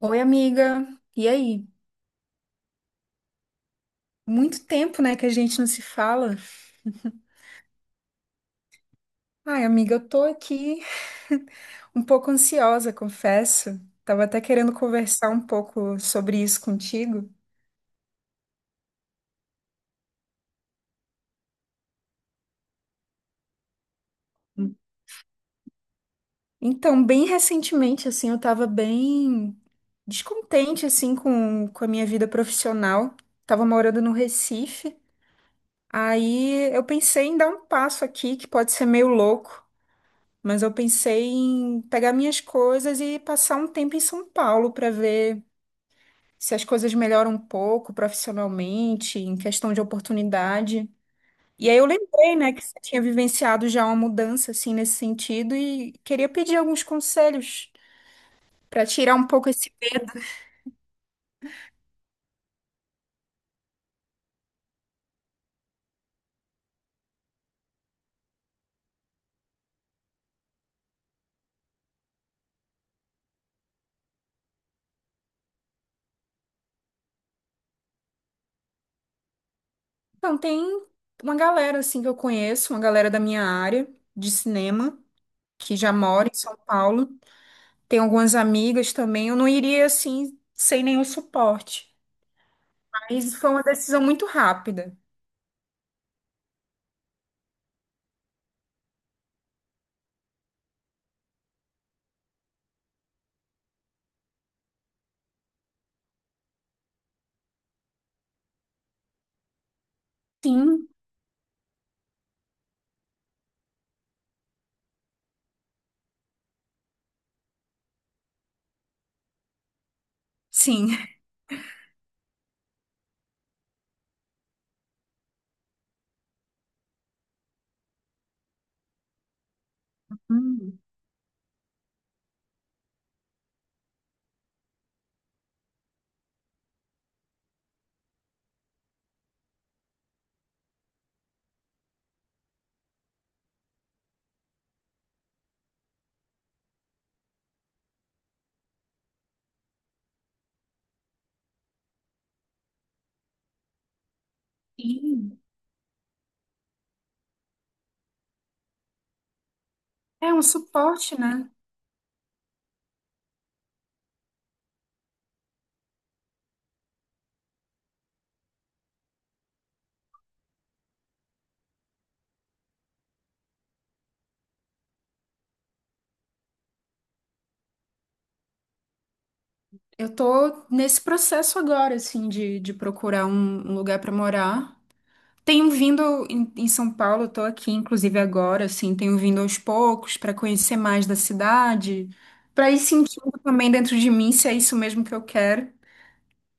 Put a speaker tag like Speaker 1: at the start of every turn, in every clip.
Speaker 1: Oi, amiga. E aí? Muito tempo, né, que a gente não se fala. Ai, amiga, eu tô aqui um pouco ansiosa, confesso. Tava até querendo conversar um pouco sobre isso contigo. Então, bem recentemente, assim, eu tava bem descontente, assim, com a minha vida profissional. Tava morando no Recife. Aí eu pensei em dar um passo aqui que pode ser meio louco. Mas eu pensei em pegar minhas coisas e passar um tempo em São Paulo para ver se as coisas melhoram um pouco profissionalmente, em questão de oportunidade. E aí eu lembrei, né, que você tinha vivenciado já uma mudança assim nesse sentido e queria pedir alguns conselhos para tirar um pouco esse medo. Então, tem uma galera assim que eu conheço, uma galera da minha área de cinema que já mora em São Paulo. Tem algumas amigas também. Eu não iria assim sem nenhum suporte. Mas foi uma decisão muito rápida. Sim, sim. Hum. Sim. É um suporte, né? Eu tô nesse processo agora, assim, de procurar um lugar para morar. Tenho vindo em São Paulo, eu tô aqui, inclusive agora, assim, tenho vindo aos poucos para conhecer mais da cidade, para ir sentindo também dentro de mim se é isso mesmo que eu quero.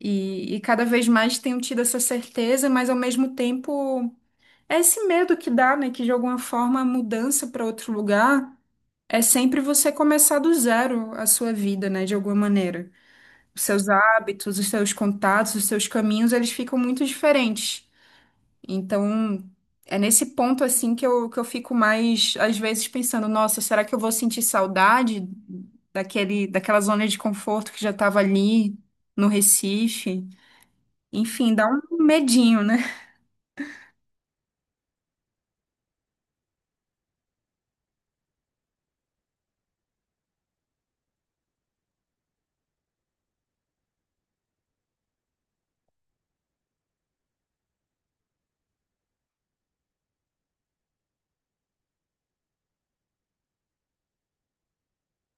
Speaker 1: E cada vez mais tenho tido essa certeza, mas ao mesmo tempo. É esse medo que dá, né? Que de alguma forma a mudança para outro lugar é sempre você começar do zero a sua vida, né? De alguma maneira. Os seus hábitos, os seus contatos, os seus caminhos, eles ficam muito diferentes. Então, é nesse ponto, assim, que eu fico mais, às vezes, pensando: nossa, será que eu vou sentir saudade daquela zona de conforto que já estava ali no Recife? Enfim, dá um medinho, né?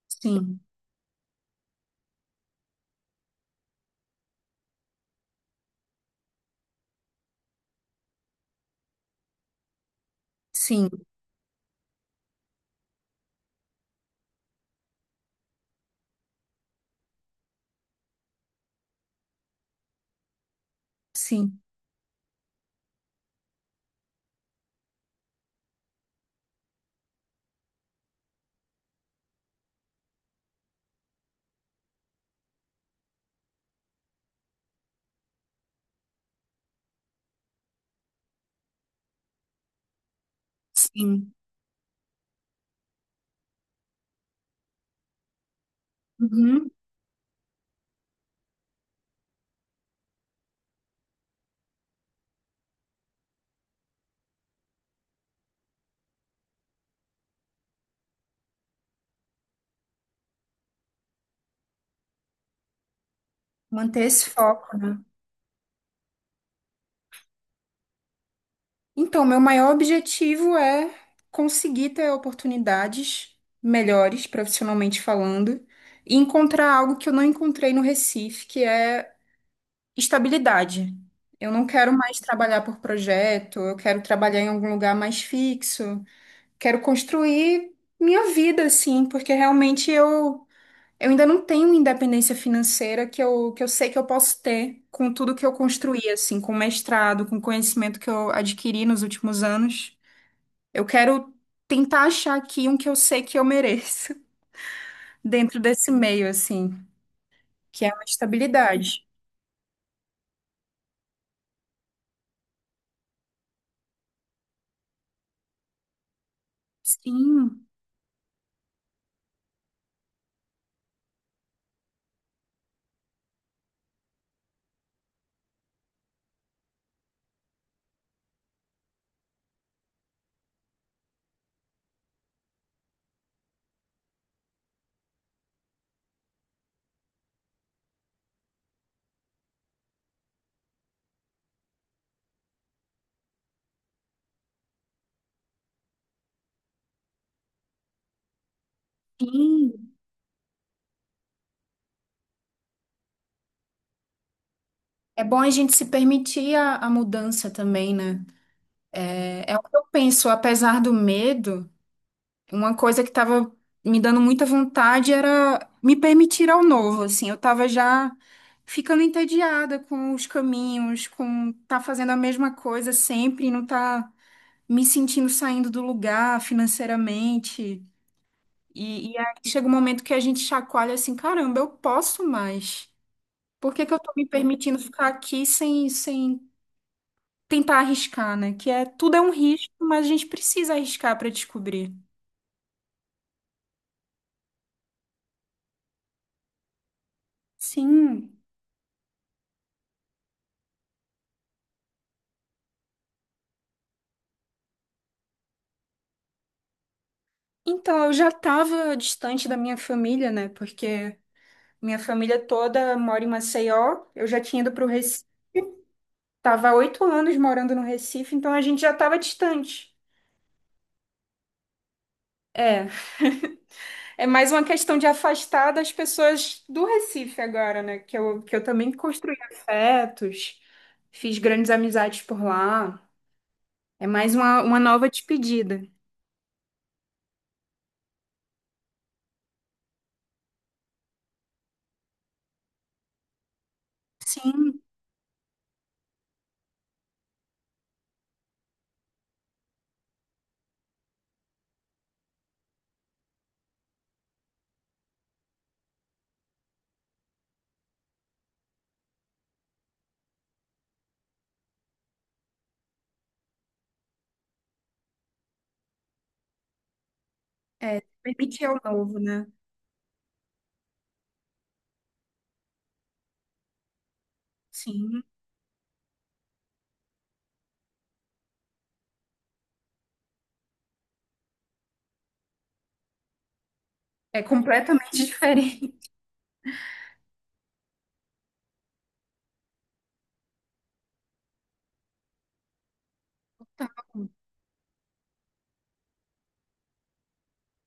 Speaker 1: Sim, sim, sim, sim. Uhum. Manter esse foco, né? Então, meu maior objetivo é conseguir ter oportunidades melhores, profissionalmente falando, e encontrar algo que eu não encontrei no Recife, que é estabilidade. Eu não quero mais trabalhar por projeto, eu quero trabalhar em algum lugar mais fixo, quero construir minha vida, assim, porque realmente eu ainda não tenho independência financeira que eu sei que eu posso ter com tudo que eu construí, assim, com o mestrado, com o conhecimento que eu adquiri nos últimos anos. Eu quero tentar achar aqui um que eu sei que eu mereço dentro desse meio, assim, que é uma estabilidade. Sim, sim. É bom a gente se permitir a mudança também, né? É, é o que eu penso, apesar do medo. Uma coisa que estava me dando muita vontade era me permitir ao novo, assim. Eu estava já ficando entediada com os caminhos, com tá fazendo a mesma coisa sempre, e não tá me sentindo saindo do lugar financeiramente. E aí chega um momento que a gente chacoalha assim, caramba, eu posso mais. Por que que eu tô me permitindo ficar aqui sem tentar arriscar, né? Que é, tudo é um risco, mas a gente precisa arriscar para descobrir. Sim. Então, eu já estava distante da minha família, né? Porque minha família toda mora em Maceió. Eu já tinha ido para o Recife. Tava há 8 anos morando no Recife, então a gente já estava distante. É, é mais uma questão de afastar das pessoas do Recife agora, né? Que eu também construí afetos, fiz grandes amizades por lá. É mais uma nova despedida. Sim, é, permitir ao novo, né? Sim, é completamente diferente.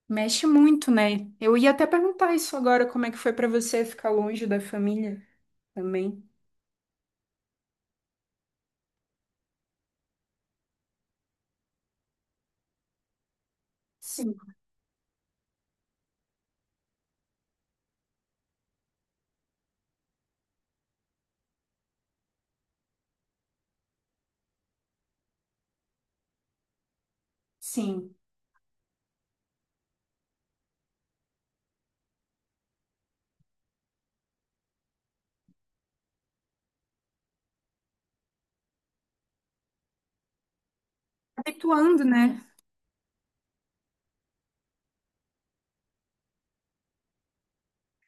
Speaker 1: Mexe muito, né? Eu ia até perguntar isso agora, como é que foi pra você ficar longe da família também? Sim, sim. Habituando, né?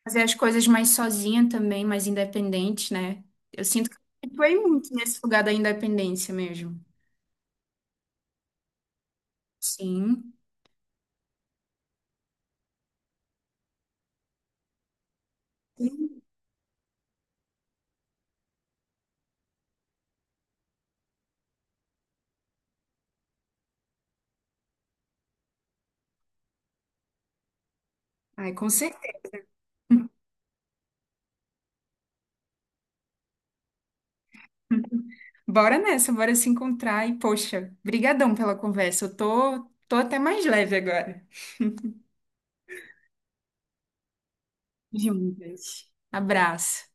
Speaker 1: Fazer as coisas mais sozinha também, mais independente, né? Eu sinto que eu me habituei muito nesse lugar da independência mesmo. Sim. Sim. Ai, com certeza. Bora nessa, bora se encontrar. E, poxa, brigadão pela conversa. Eu tô, tô até mais leve agora. Juntas. Abraço.